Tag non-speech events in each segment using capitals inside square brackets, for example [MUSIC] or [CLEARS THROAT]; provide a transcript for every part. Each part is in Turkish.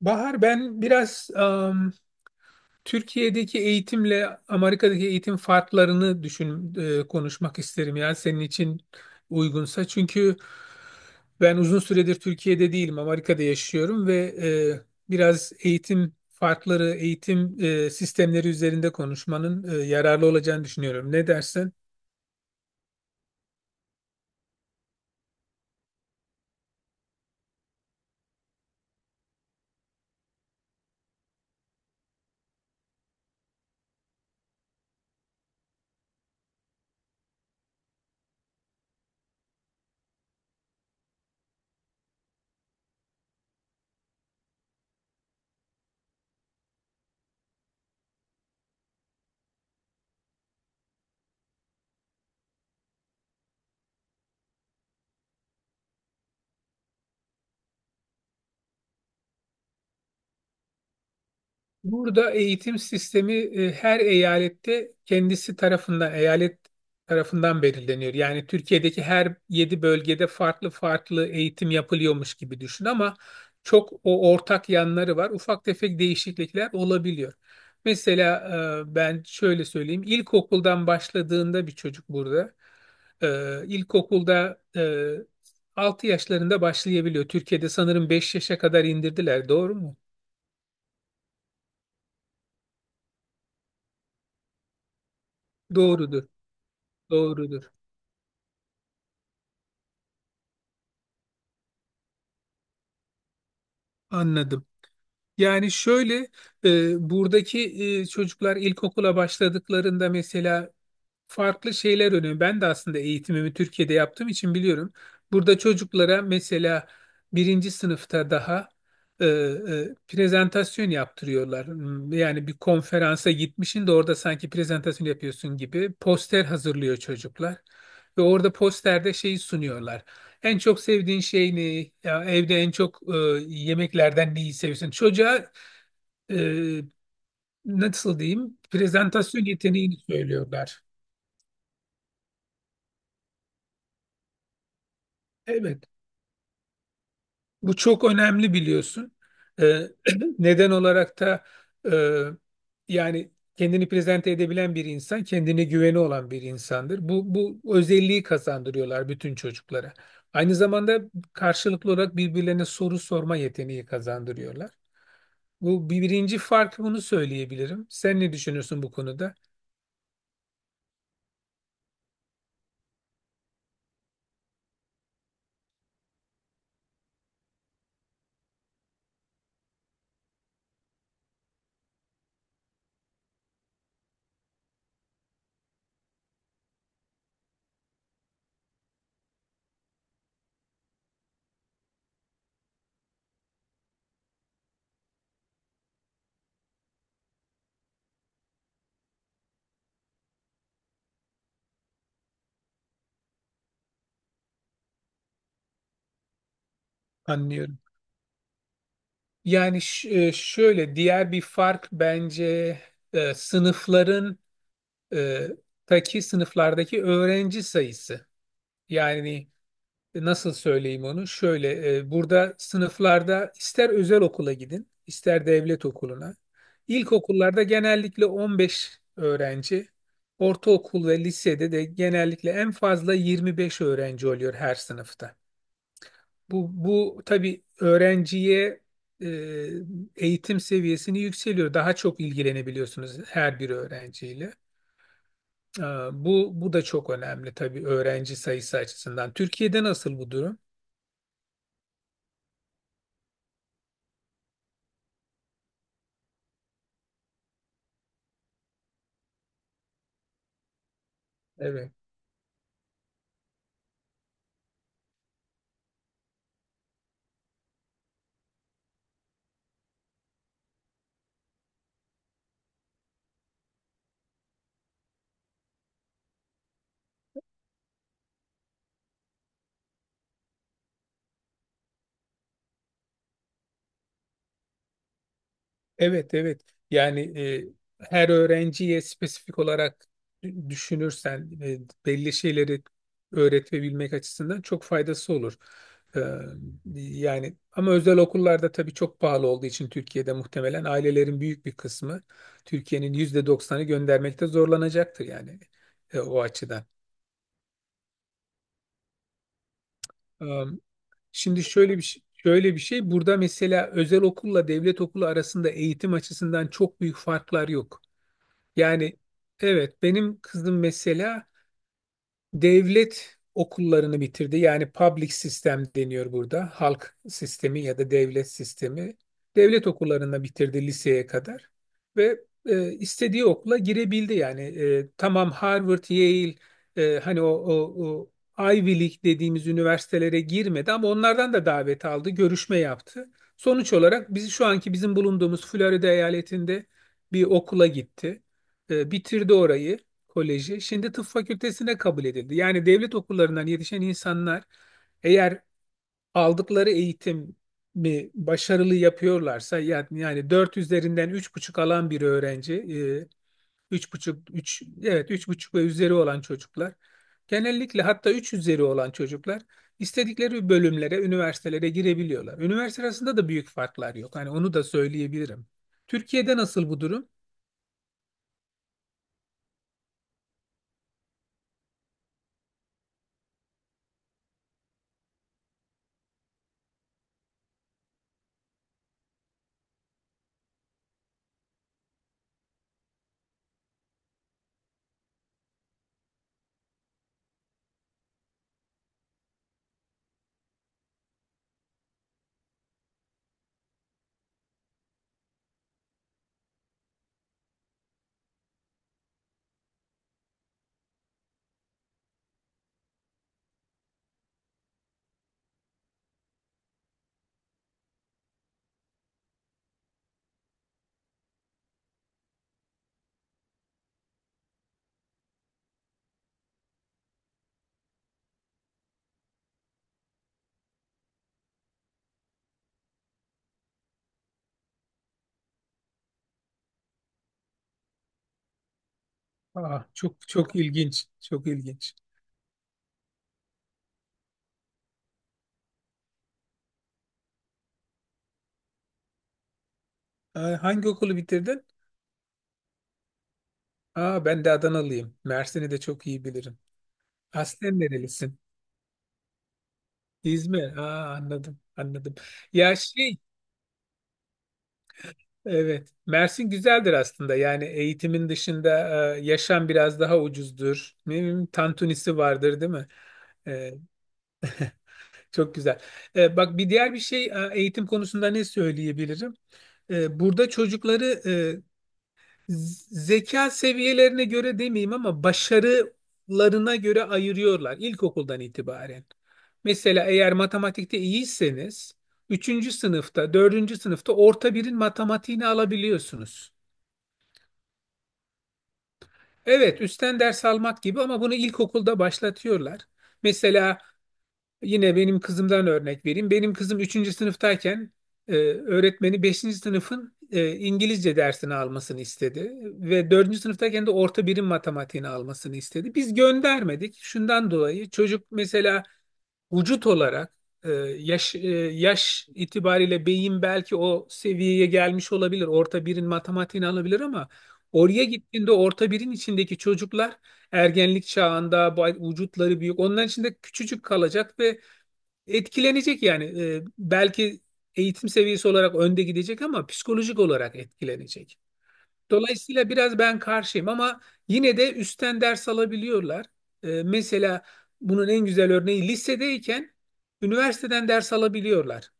Bahar, ben biraz Türkiye'deki eğitimle Amerika'daki eğitim farklarını düşün konuşmak isterim ya senin için uygunsa. Çünkü ben uzun süredir Türkiye'de değilim, Amerika'da yaşıyorum ve biraz eğitim farkları, eğitim sistemleri üzerinde konuşmanın yararlı olacağını düşünüyorum. Ne dersin? Burada eğitim sistemi her eyalette kendisi tarafından, eyalet tarafından belirleniyor. Yani Türkiye'deki her yedi bölgede farklı farklı eğitim yapılıyormuş gibi düşün ama çok o ortak yanları var. Ufak tefek değişiklikler olabiliyor. Mesela ben şöyle söyleyeyim. İlkokuldan başladığında bir çocuk burada ilkokulda 6 yaşlarında başlayabiliyor. Türkiye'de sanırım 5 yaşa kadar indirdiler. Doğru mu? Doğrudur. Doğrudur. Anladım. Yani şöyle buradaki çocuklar ilkokula başladıklarında mesela farklı şeyler önemli. Ben de aslında eğitimimi Türkiye'de yaptığım için biliyorum. Burada çocuklara mesela birinci sınıfta daha prezentasyon yaptırıyorlar. Yani bir konferansa gitmişsin de orada sanki prezentasyon yapıyorsun gibi poster hazırlıyor çocuklar. Ve orada posterde şeyi sunuyorlar. En çok sevdiğin şey ne? Ya evde en çok yemeklerden neyi seviyorsun? Çocuğa e, nasıl diyeyim? Prezentasyon yeteneğini söylüyorlar. Evet. Bu çok önemli biliyorsun. Ee, [CLEARS THROAT] neden olarak da e, yani kendini prezente edebilen bir insan, kendine güveni olan bir insandır. Bu özelliği kazandırıyorlar bütün çocuklara. Aynı zamanda karşılıklı olarak birbirlerine soru sorma yeteneği kazandırıyorlar. Bu birinci fark, bunu söyleyebilirim. Sen ne düşünüyorsun bu konuda? Anlıyorum. Yani şöyle diğer bir fark bence sınıfların e, taki sınıflardaki öğrenci sayısı. Yani nasıl söyleyeyim onu? Şöyle burada sınıflarda ister özel okula gidin, ister devlet okuluna. İlkokullarda genellikle 15 öğrenci, ortaokul ve lisede de genellikle en fazla 25 öğrenci oluyor her sınıfta. Bu tabii öğrenciye e, eğitim seviyesini yükseliyor. Daha çok ilgilenebiliyorsunuz her bir öğrenciyle. Ee, bu da çok önemli tabii öğrenci sayısı açısından. Türkiye'de nasıl bu durum? Evet. Evet, evet. Yani her öğrenciye spesifik olarak düşünürsen belli şeyleri öğretebilmek açısından çok faydası olur. Ee, yani ama özel okullarda tabii çok pahalı olduğu için Türkiye'de muhtemelen ailelerin büyük bir kısmı, Türkiye'nin %90'ı göndermekte zorlanacaktır, yani o açıdan. Am, Şimdi şöyle bir şey, şöyle bir şey. Burada mesela özel okulla devlet okulu arasında eğitim açısından çok büyük farklar yok. Yani evet benim kızım mesela devlet okullarını bitirdi. Yani public sistem deniyor burada. Halk sistemi ya da devlet sistemi. Devlet okullarını bitirdi liseye kadar ve istediği okula girebildi. Yani tamam, Harvard, Yale hani o Ivy League dediğimiz üniversitelere girmedi ama onlardan da davet aldı, görüşme yaptı. Sonuç olarak biz şu anki bizim bulunduğumuz Florida eyaletinde bir okula gitti. Bitirdi orayı. Koleji şimdi tıp fakültesine kabul edildi. Yani devlet okullarından yetişen insanlar eğer aldıkları eğitimi başarılı yapıyorlarsa, yani, 4 üzerinden 3,5 alan bir öğrenci, üç buçuk 3 evet üç buçuk ve üzeri olan çocuklar genellikle, hatta 3 üzeri olan çocuklar istedikleri bölümlere, üniversitelere girebiliyorlar. Üniversite arasında da büyük farklar yok. Hani onu da söyleyebilirim. Türkiye'de nasıl bu durum? Aa, çok çok ilginç, çok ilginç. Aa, hangi okulu bitirdin? Aa, ben de Adanalıyım. Mersin'i de çok iyi bilirim. Aslen nerelisin? İzmir. Aa, anladım, anladım. Ya şey, evet. Mersin güzeldir aslında. Yani eğitimin dışında yaşam biraz daha ucuzdur. Ne bileyim, tantunisi vardır, değil mi? E, çok güzel. Bak, bir diğer bir şey eğitim konusunda ne söyleyebilirim? Burada çocukları zeka seviyelerine göre demeyeyim ama başarılarına göre ayırıyorlar ilkokuldan itibaren. Mesela eğer matematikte iyiyseniz üçüncü sınıfta, dördüncü sınıfta orta birin matematiğini alabiliyorsunuz. Evet, üstten ders almak gibi ama bunu ilkokulda başlatıyorlar. Mesela yine benim kızımdan örnek vereyim. Benim kızım üçüncü sınıftayken öğretmeni beşinci sınıfın İngilizce dersini almasını istedi ve dördüncü sınıftayken de orta birim matematiğini almasını istedi. Biz göndermedik. Şundan dolayı çocuk mesela vücut olarak, e, yaş e, yaş itibariyle beyin belki o seviyeye gelmiş olabilir. Orta birin matematiğini alabilir ama oraya gittiğinde orta birin içindeki çocuklar ergenlik çağında, vücutları büyük. Onların içinde küçücük kalacak ve etkilenecek yani. Belki eğitim seviyesi olarak önde gidecek ama psikolojik olarak etkilenecek. Dolayısıyla biraz ben karşıyım ama yine de üstten ders alabiliyorlar. Mesela bunun en güzel örneği, lisedeyken üniversiteden ders alabiliyorlar.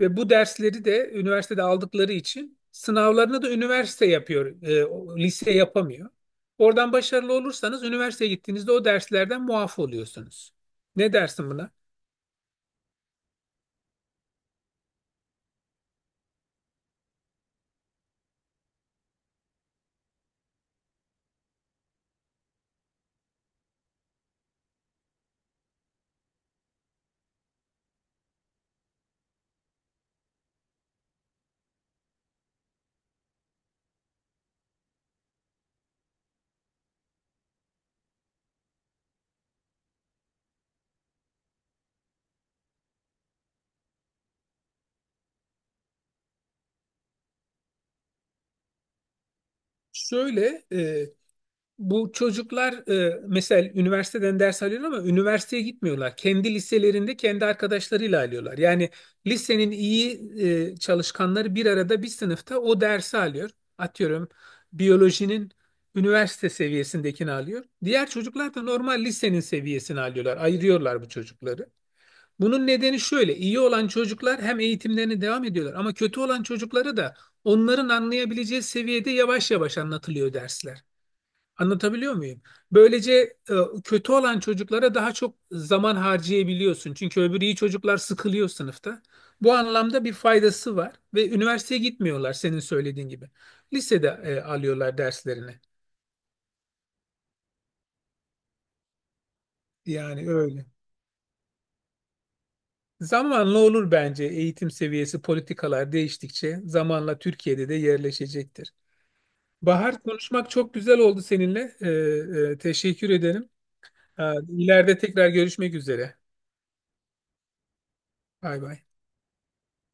Ve bu dersleri de üniversitede aldıkları için sınavlarını da üniversite yapıyor, lise yapamıyor. Oradan başarılı olursanız üniversiteye gittiğinizde o derslerden muaf oluyorsunuz. Ne dersin buna? Şöyle, bu çocuklar mesela üniversiteden ders alıyorlar ama üniversiteye gitmiyorlar. Kendi liselerinde kendi arkadaşlarıyla alıyorlar. Yani lisenin iyi çalışkanları bir arada bir sınıfta o dersi alıyor. Atıyorum biyolojinin üniversite seviyesindekini alıyor. Diğer çocuklar da normal lisenin seviyesini alıyorlar. Ayırıyorlar bu çocukları. Bunun nedeni şöyle. İyi olan çocuklar hem eğitimlerine devam ediyorlar ama kötü olan çocuklara da onların anlayabileceği seviyede yavaş yavaş anlatılıyor dersler. Anlatabiliyor muyum? Böylece kötü olan çocuklara daha çok zaman harcayabiliyorsun. Çünkü öbürü, iyi çocuklar sıkılıyor sınıfta. Bu anlamda bir faydası var ve üniversiteye gitmiyorlar senin söylediğin gibi. Lisede alıyorlar derslerini. Yani öyle. Zamanla olur bence, eğitim seviyesi, politikalar değiştikçe zamanla Türkiye'de de yerleşecektir. Bahar, konuşmak çok güzel oldu seninle. Teşekkür ederim. E, ileride tekrar görüşmek üzere. Bay bay.